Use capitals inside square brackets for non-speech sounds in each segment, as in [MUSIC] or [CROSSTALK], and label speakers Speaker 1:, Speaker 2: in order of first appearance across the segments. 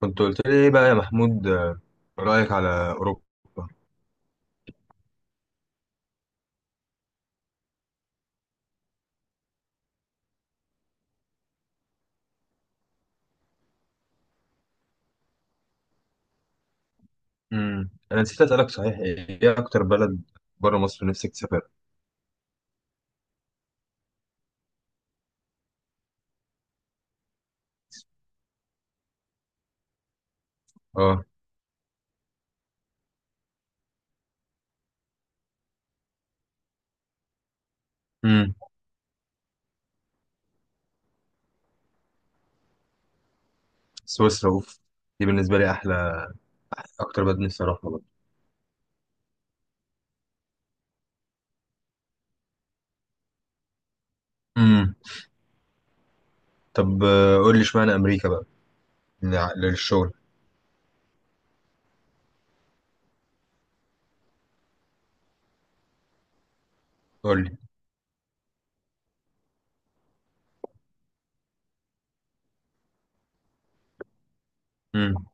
Speaker 1: كنت قلت لي ايه بقى يا محمود، رأيك على أوروبا؟ انا نسيت أسألك صحيح، ايه اكتر بلد بره مصر نفسك تسافرها؟ اه. امم سويسرا، اوف! دي بالنسبة لي احلى، اكتر بلد نفسي اروحها بقى. امم طب، قول لي اشمعنى امريكا بقى. للشغل. قول لي. امم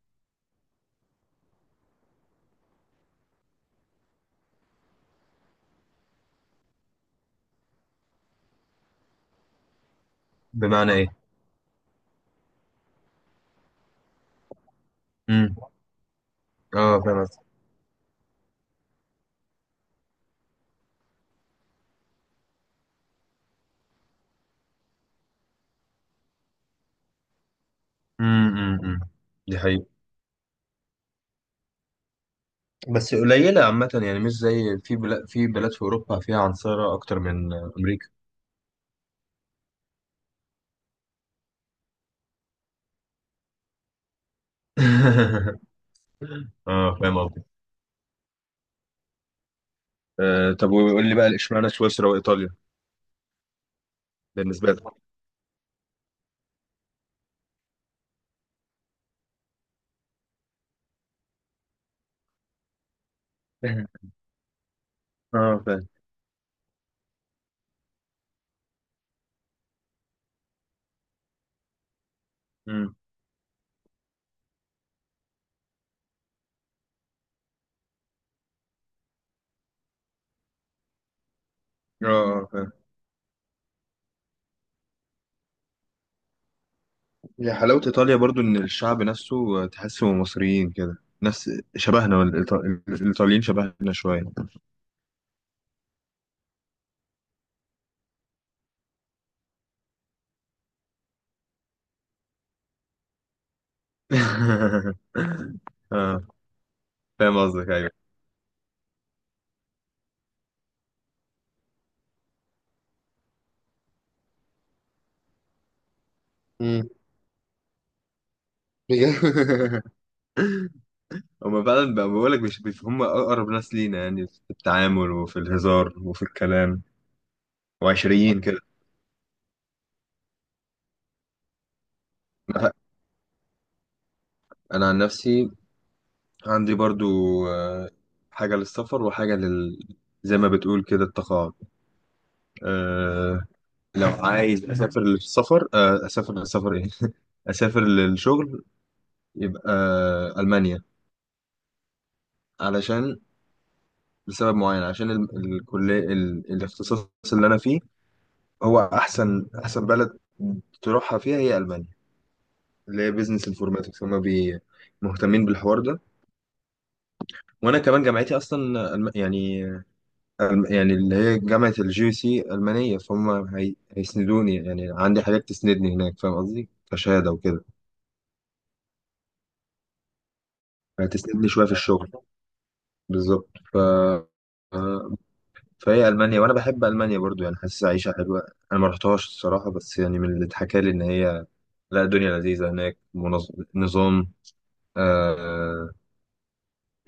Speaker 1: بمعنى ايه؟ امم اه، فاهم قصدي. امم، امم، أمم. دي حقيقة. بس قليلة عامة، يعني مش زي في بلاد في أوروبا فيها عنصرة أكتر من أمريكا. [LAUGHS] اه، فاهم قصدي. طب، وقول لي بقى اشمعنى سويسرا وايطاليا؟ بالنسبه لك. [LAUGHS] اه، فاهم. مم. اه، فاهم. هي حلاوه ايطاليا برضو ان الشعب نفسه تحسه مصريين كده، نفس شبهنا. الايطاليين شبهنا شويه. [LAUGHS] اه، فاهم قصدك، ايوه. مم. بجد. [LAUGHS] هما فعلا بقى، بقول لك، مش بيف- هم اقرب ناس لينا يعني في التعامل وفي الهزار وفي الكلام، وعشريين كده. انا أنا عن نفسي، عندي برضو آه، حاجة للسفر وحاجة زي ما بتقول كده، التقاعد. أه لو عايز أسافر للسفر، أسافر للسفر إيه؟ [LAUGHS] أسافر للشغل، يبقى ألمانيا. علشان، لسبب معين عشان الكلية، الاختصاص اللي أنا فيه، هو أحسن بلد تروحها فيها هي ألمانيا. اللي هي بيزنس انفورماتكس، هما مهتمين بالحوار ده. وأنا كمان جامعتي أصلا يعني يعني اللي هي جامعة الجي سي ألمانية، فهم هيسندوني، يعني عندي حاجات تسندني هناك، فاهم قصدي، كشهادة وكده. هتسندني شوية في الشغل بالظبط آه، فهي ألمانيا، وأنا بحب ألمانيا برضو، يعني حاسس عيشة حلوة. أنا ما رحتهاش الصراحة، بس يعني من اللي اتحكى لي إن هي، لا، الدنيا لذيذة هناك، نظام، آه...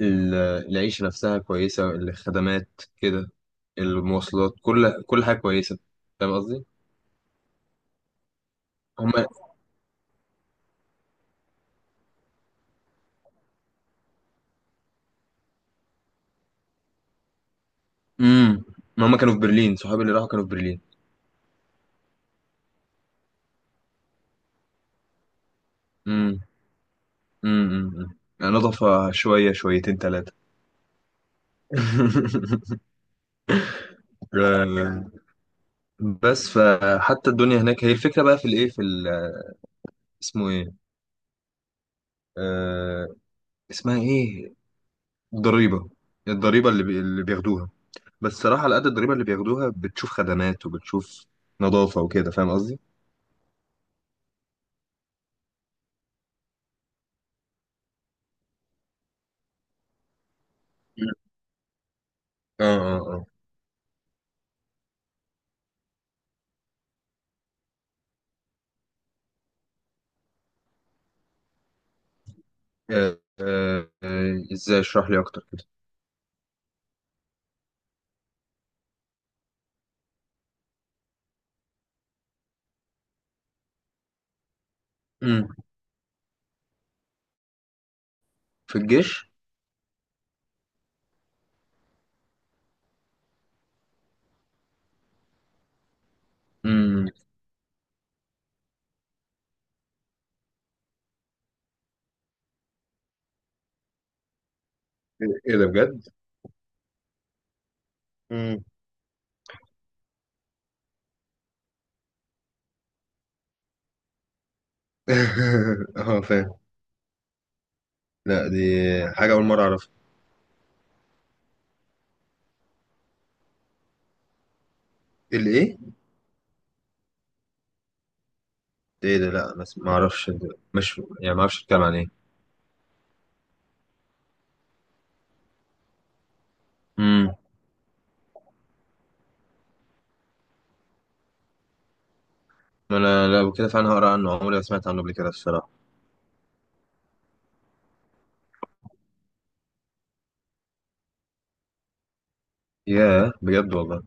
Speaker 1: العيشة نفسها كويسة، الخدمات كده، المواصلات، كل حاجة كويسة. فاهم قصدي؟ هم امم ما هم كانوا في برلين، صحابي اللي راحوا كانوا في برلين. امم، امم، أمم. يعني نضف شوية شويتين ثلاثة. [LAUGHS] آه، بس فحتى الدنيا هناك، هي الفكرة بقى في الايه، في اسمه ايه، آه اسمها ايه، الضريبة. الضريبة اللي، اللي بياخدوها. بس صراحة، على قد الضريبة اللي بياخدوها، بتشوف خدمات وبتشوف نظافة وكده. فاهم قصدي؟ مم. اه، اه، اه. ازاي اشرح لي اكتر كده؟ مم. في الجيش. مم. ايه ده بجد؟ [LAUGHS] اه، فاهم. لا، دي حاجة أول مرة أعرفها. الإيه؟ ده إيه ده؟ لا بس ما أعرفش ده. مش يعني ما أعرفش أتكلم عن إيه. امم ما أنا لو كده فعلا هقرأ عنه، عمري ما سمعت عنه قبل كده الصراحة. ياه، بجد والله.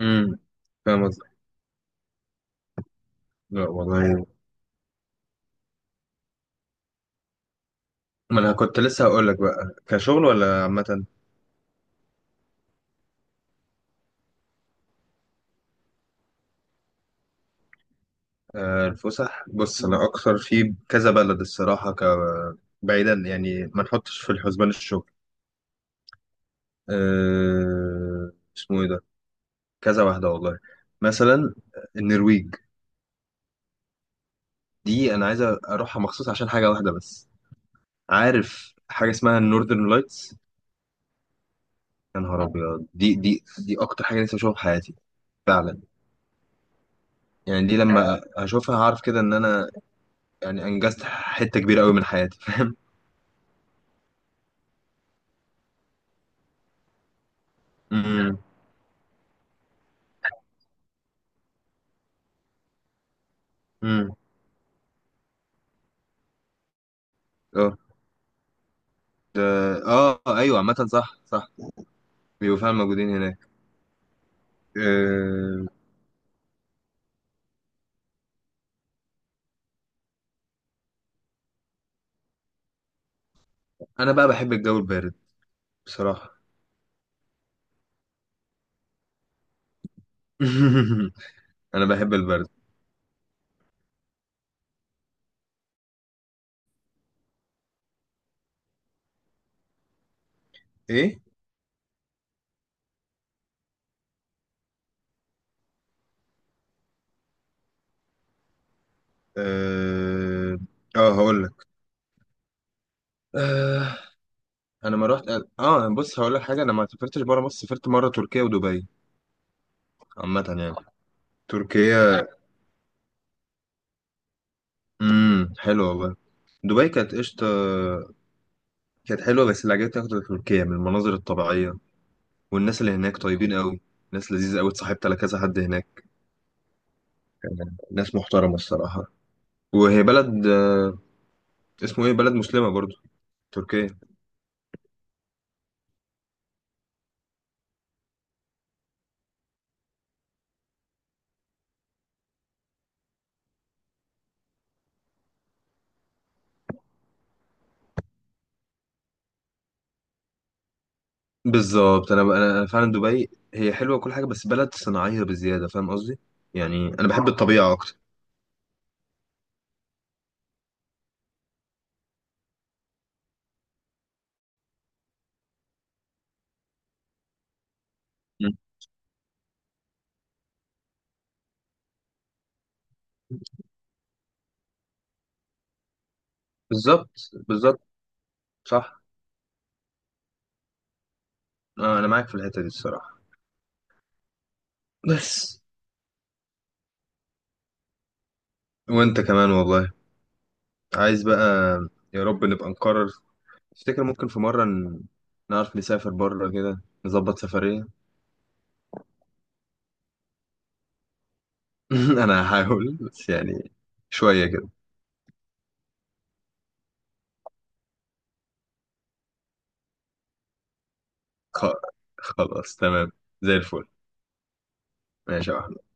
Speaker 1: امم فاهم قصدك. لا والله. ما أنا كنت لسه هقول لك بقى، كشغل ولا عامة؟ الفسح، بص، أنا أكتر في كذا بلد الصراحة، بعيدا يعني ما نحطش في الحسبان الشغل. أه... اسمه إيه ده؟ كذا واحدة والله. مثلا، النرويج. دي انا عايز اروحها مخصوص عشان حاجه واحده بس. عارف حاجه اسمها النوردرن لايتس؟ يا نهار ابيض! دي اكتر حاجه نفسي اشوفها في حياتي فعلا. يعني دي لما اشوفها هعرف كده ان انا يعني انجزت حته كبيره قوي من حياتي. [LAUGHS] امم، امم، اه. ده- اه، ايوه، عامه، صح، صح، بيبقوا فعلا موجودين هناك. آه، انا بقى بحب الجو البارد بصراحه. [LAUGHS] انا بحب البرد. ايه، اه، هقول لك. آه، انا ما رحت. اه، بص، هقول لك حاجه، انا ما سافرتش بره مصر. سافرت مره تركيا ودبي. عامه يعني. تركيا، حلوه والله. دبي كانت قشطه، كانت حلوه، بس اللي عجبتني اكتر تركيا من المناظر الطبيعيه، والناس اللي هناك طيبين قوي. ناس لذيذه قوي، اتصاحبت على كذا حد هناك. ناس محترمه الصراحه. وهي بلد، اسمه ايه، بلد مسلمه برضو، تركيا. بالظبط. انا فعلا، دبي هي حلوه وكل حاجه، بس بلد صناعيه بزياده، فاهم قصدي. يعني انا بحب الطبيعه اكتر. مم. بالظبط، بالظبط. صح. انا معاك في الحتة دي الصراحة. بس. وانت كمان والله. عايز بقى، يا رب نبقى نقرر. افتكر، ممكن في مرة نعرف نسافر بره كده، نظبط سفرية. [LAUGHS] انا هحاول، بس يعني شوية كده. خ- خلاص، تمام. زي الفل. ماشي يا أحمد.